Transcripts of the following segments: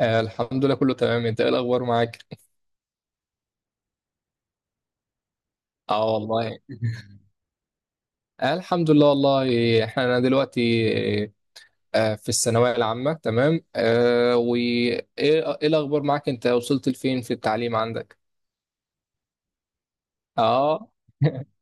آه، الحمد لله كله تمام. انت ايه الاخبار معاك؟ اه، والله. آه، الحمد لله والله احنا دلوقتي في الثانويه العامه. تمام. وايه ايه ايه الاخبار معاك؟ انت وصلت لفين في التعليم عندك؟ اه.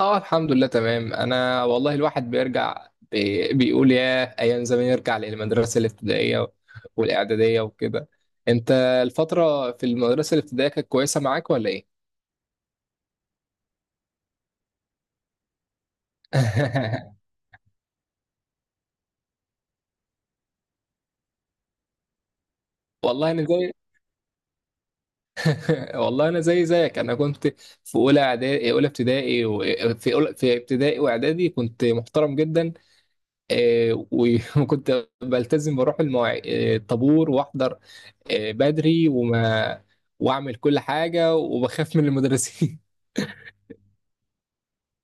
اه، الحمد لله تمام. انا والله الواحد بيرجع بيقول يا ايام زمان يرجع للمدرسه الابتدائيه والاعداديه وكده. انت الفتره في المدرسه الابتدائيه كانت كويسه معاك ولا ايه؟ والله انا زي والله انا زي زيك. انا كنت في اولى اعدادي اولى ابتدائي و... في ابتدائي واعدادي كنت محترم جدا. وكنت بلتزم بروح المواع... آه، الطابور واحضر بدري واعمل كل حاجه وبخاف من المدرسين.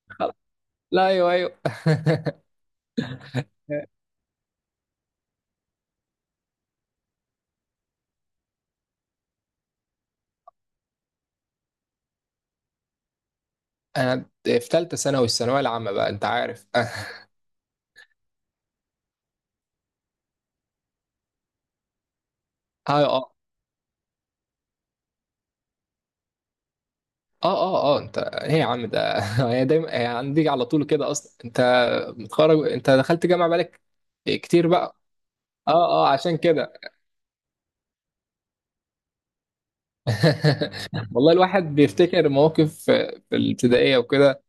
لا، ايوه، ايوه. انا في ثالثه ثانوي الثانويه العامه بقى، انت عارف. اه، اه، اه، اه، انت ايه يا عم ده؟ هي دايما هي عندي على طول كده اصلا. انت متخرج، انت دخلت جامعه بالك كتير بقى. اه، اه، عشان كده. والله الواحد بيفتكر مواقف في الابتدائيه وكده،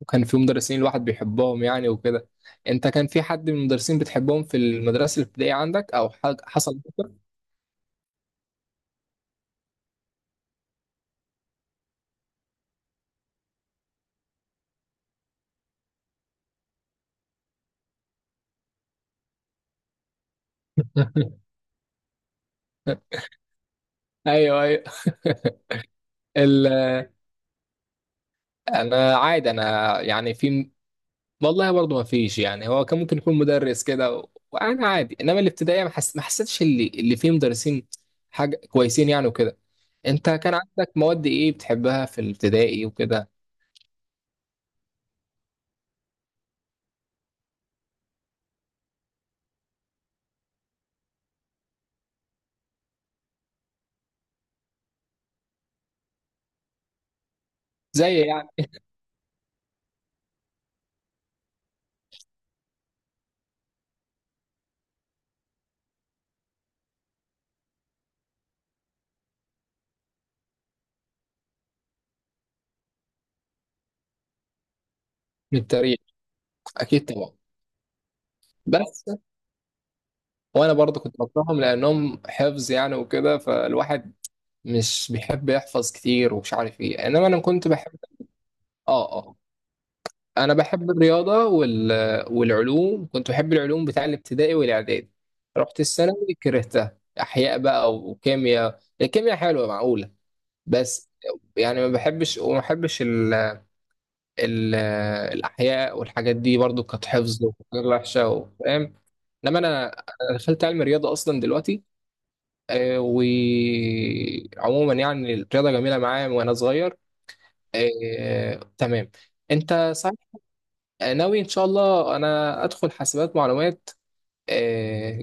وكان في مدرسين الواحد بيحبهم يعني وكده. انت كان في حد من المدرسين بتحبهم في المدرسه الابتدائيه عندك او حصل موقف؟ ايوه، ايوه. ال... انا عادي، انا يعني في... والله برضه ما فيش، يعني هو كان ممكن يكون مدرس كده وانا عادي، انما الابتدائيه ما حسيتش اللي فيه مدرسين حاجه كويسين يعني وكده. انت كان عندك مواد ايه بتحبها في الابتدائي وكده؟ زي يعني. من التاريخ، اكيد طبعا. بس وانا برضه كنت بكرههم لانهم حفظ يعني وكده، فالواحد مش بيحب يحفظ كتير ومش عارف ايه، انما انا كنت بحب. اه، اه، انا بحب الرياضه والعلوم. كنت بحب العلوم بتاع الابتدائي والاعدادي. رحت الثانوي كرهتها، احياء بقى وكيمياء. الكيمياء حلوه معقوله، بس يعني ما بحبش ال... الاحياء والحاجات دي. برضو كانت حفظ وحاجات وحشه فاهم. انما انا دخلت علم رياضه اصلا دلوقتي. وعموما يعني الرياضه جميله معايا من وانا صغير. تمام. انت صح. ناوي ان شاء الله انا ادخل حاسبات معلومات. آه،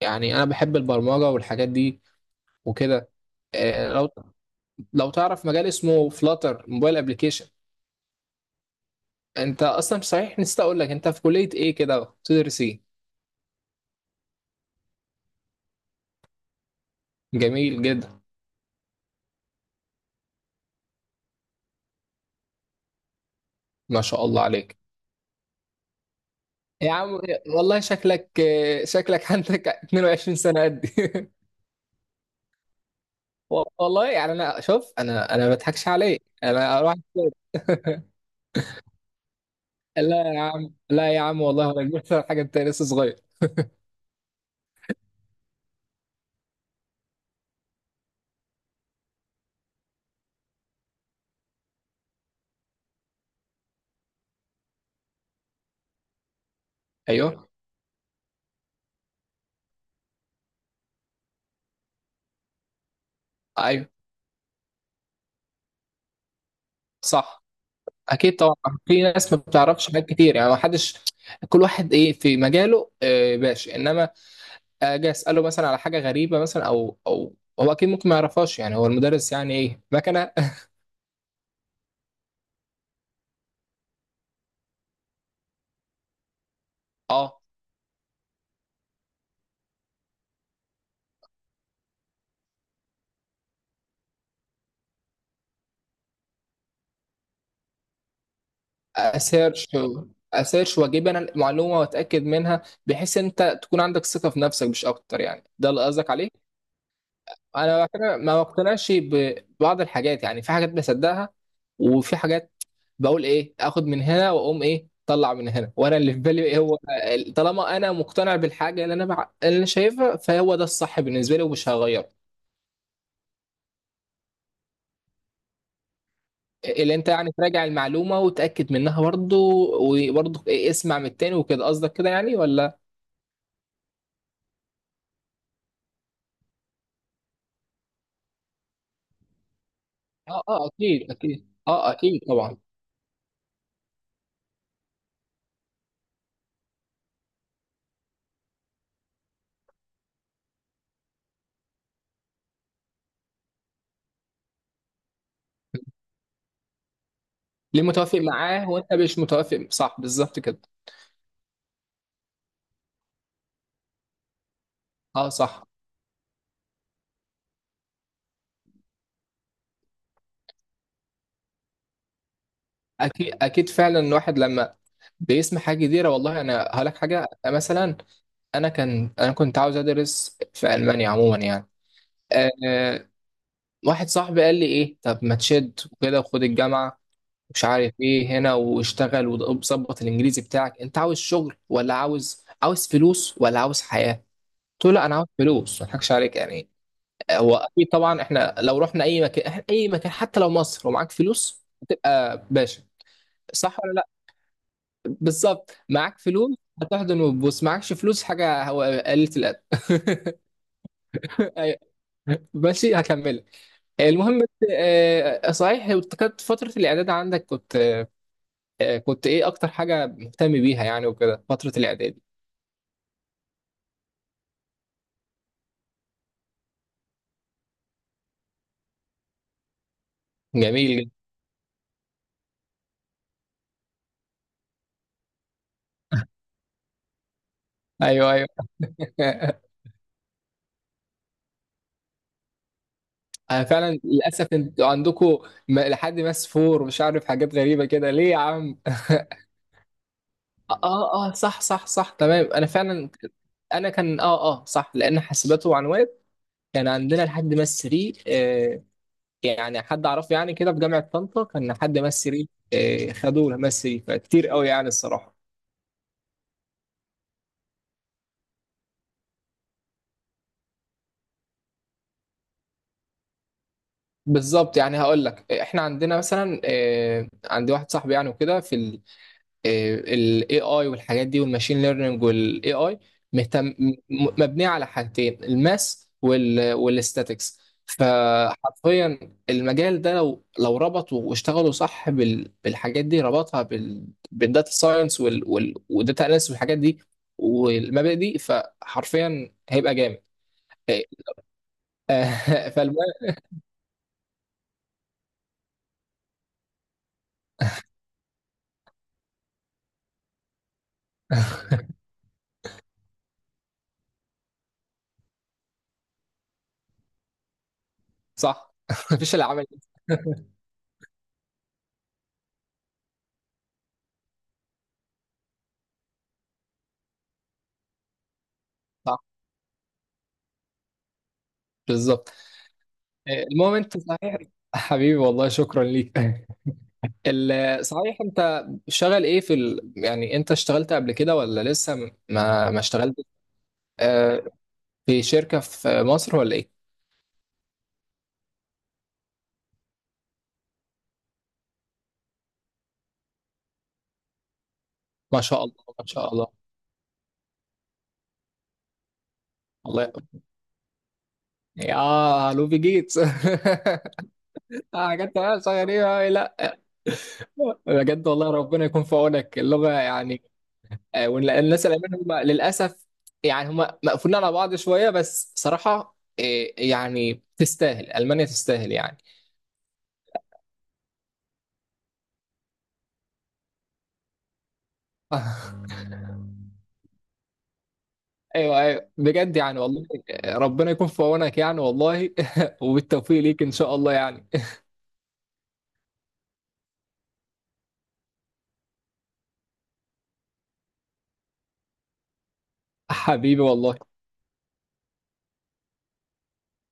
يعني انا بحب البرمجه والحاجات دي وكده. لو تعرف مجال اسمه فلاتر موبايل ابلكيشن. انت اصلا، صحيح نسيت اقول لك، انت في كليه ايه كده بتدرس ايه؟ جميل جدا. ما شاء الله عليك. يا عم والله شكلك، شكلك عندك 22 سنه قد. والله يعني انا، شوف انا، ما بضحكش عليك انا اروح. لا يا عم، لا يا عم، والله ولا حاجه، انت لسه صغير. ايوه، ايوه. صح، اكيد طبعا. في ناس ما بتعرفش حاجات كتير يعني، ما حدش. كل واحد ايه في مجاله باشا. انما اجي اساله مثلا على حاجه غريبه، مثلا او هو اكيد ممكن ما يعرفهاش، يعني هو المدرس يعني ايه مكنه. اه. اسيرش اسيرش، واجيب انا المعلومه واتاكد منها، بحيث انت تكون عندك ثقه في نفسك مش اكتر. يعني ده اللي قصدك عليه. انا بعد كده ما بقتنعش ببعض الحاجات، يعني في حاجات بصدقها وفي حاجات بقول ايه اخد من هنا واقوم ايه طلع من هنا، وانا اللي في بالي ايه هو. طالما انا مقتنع بالحاجه، اللي انا اللي أنا شايفها، فهو ده الصح بالنسبه لي ومش هغيره. اللي انت يعني تراجع المعلومه وتاكد منها برضه، وبرضه إيه اسمع من التاني وكده، قصدك كده يعني ولا؟ اه، اه، اكيد، اكيد، اه، اكيد طبعا. ليه متوافق معاه وانت مش متوافق؟ صح، بالظبط كده. اه، صح، اكيد، اكيد. فعلا الواحد لما بيسمع حاجه جديده. والله انا هقول لك حاجه مثلا، انا كان انا كنت عاوز ادرس في المانيا عموما يعني. أه واحد صاحبي قال لي ايه، طب ما تشد وكده وخد الجامعه، مش عارف ايه هنا، واشتغل وظبط الانجليزي بتاعك. انت عاوز شغل ولا عاوز فلوس ولا عاوز حياه؟ قلت له لا، انا عاوز فلوس، ما اضحكش عليك يعني. هو اكيد طبعا احنا لو رحنا اي مكان، إحنا اي مكان حتى لو مصر ومعاك فلوس هتبقى باشا، صح ولا لا؟ بالظبط، معاك فلوس هتحضن وتبوس، معكش فلوس حاجه هو قلة الادب. ماشي، هكملك. المهم. صحيح، كانت فترة الإعداد عندك كنت، كنت إيه أكتر حاجة مهتم بيها يعني وكده فترة الإعداد؟ جميل جدا. أيوه، أيوه. أنا فعلا للأسف أنتوا عندكم لحد ماس فور، مش عارف حاجات غريبة كده، ليه يا عم؟ آه، آه، صح، صح، صح، تمام، أنا فعلا. انا كان، اه، اه، صح، لان حاسبات ومعلومات كان عندنا لحد ماس 3. يعني حد اعرفه يعني كده في جامعه طنطا كان حد مس ريل. خدوه مس ريل، فكتير قوي يعني الصراحه. بالظبط. يعني هقول لك احنا عندنا مثلا، عندي واحد صاحبي يعني وكده في الاي اي والحاجات دي والماشين ليرنينج. والاي اي مهتم، مبنيه على حاجتين، الماس والاستاتكس. فحرفيا المجال ده لو ربطوا واشتغلوا صح بالحاجات دي، ربطها بالداتا ساينس والداتا اناليسيس والحاجات دي والمبادئ دي، فحرفيا هيبقى جامد. آه، فالمهم. صح. مفيش العمل. صح، بالظبط. المهم، انت صحيح. حبيبي والله، شكرا ليك. صحيح انت شغال ايه في ال...؟ يعني انت اشتغلت قبل كده ولا لسه م- ما ما اشتغلت؟ آه، في شركة في مصر ولا ايه؟ ما شاء الله، ما شاء الله. الله يقوي. يا لوبي جيتس. حاجات تمام صغيرة أوي، لا. بجد والله ربنا يكون في عونك، اللغة يعني. الناس الألمان هم للأسف، يعني هم مقفولين على بعض شوية، بس صراحة يعني تستاهل، ألمانيا تستاهل يعني. ايوه، ايوه، بجد يعني والله. ربنا يكون في عونك يعني والله. وبالتوفيق ليك ان شاء الله يعني. حبيبي والله.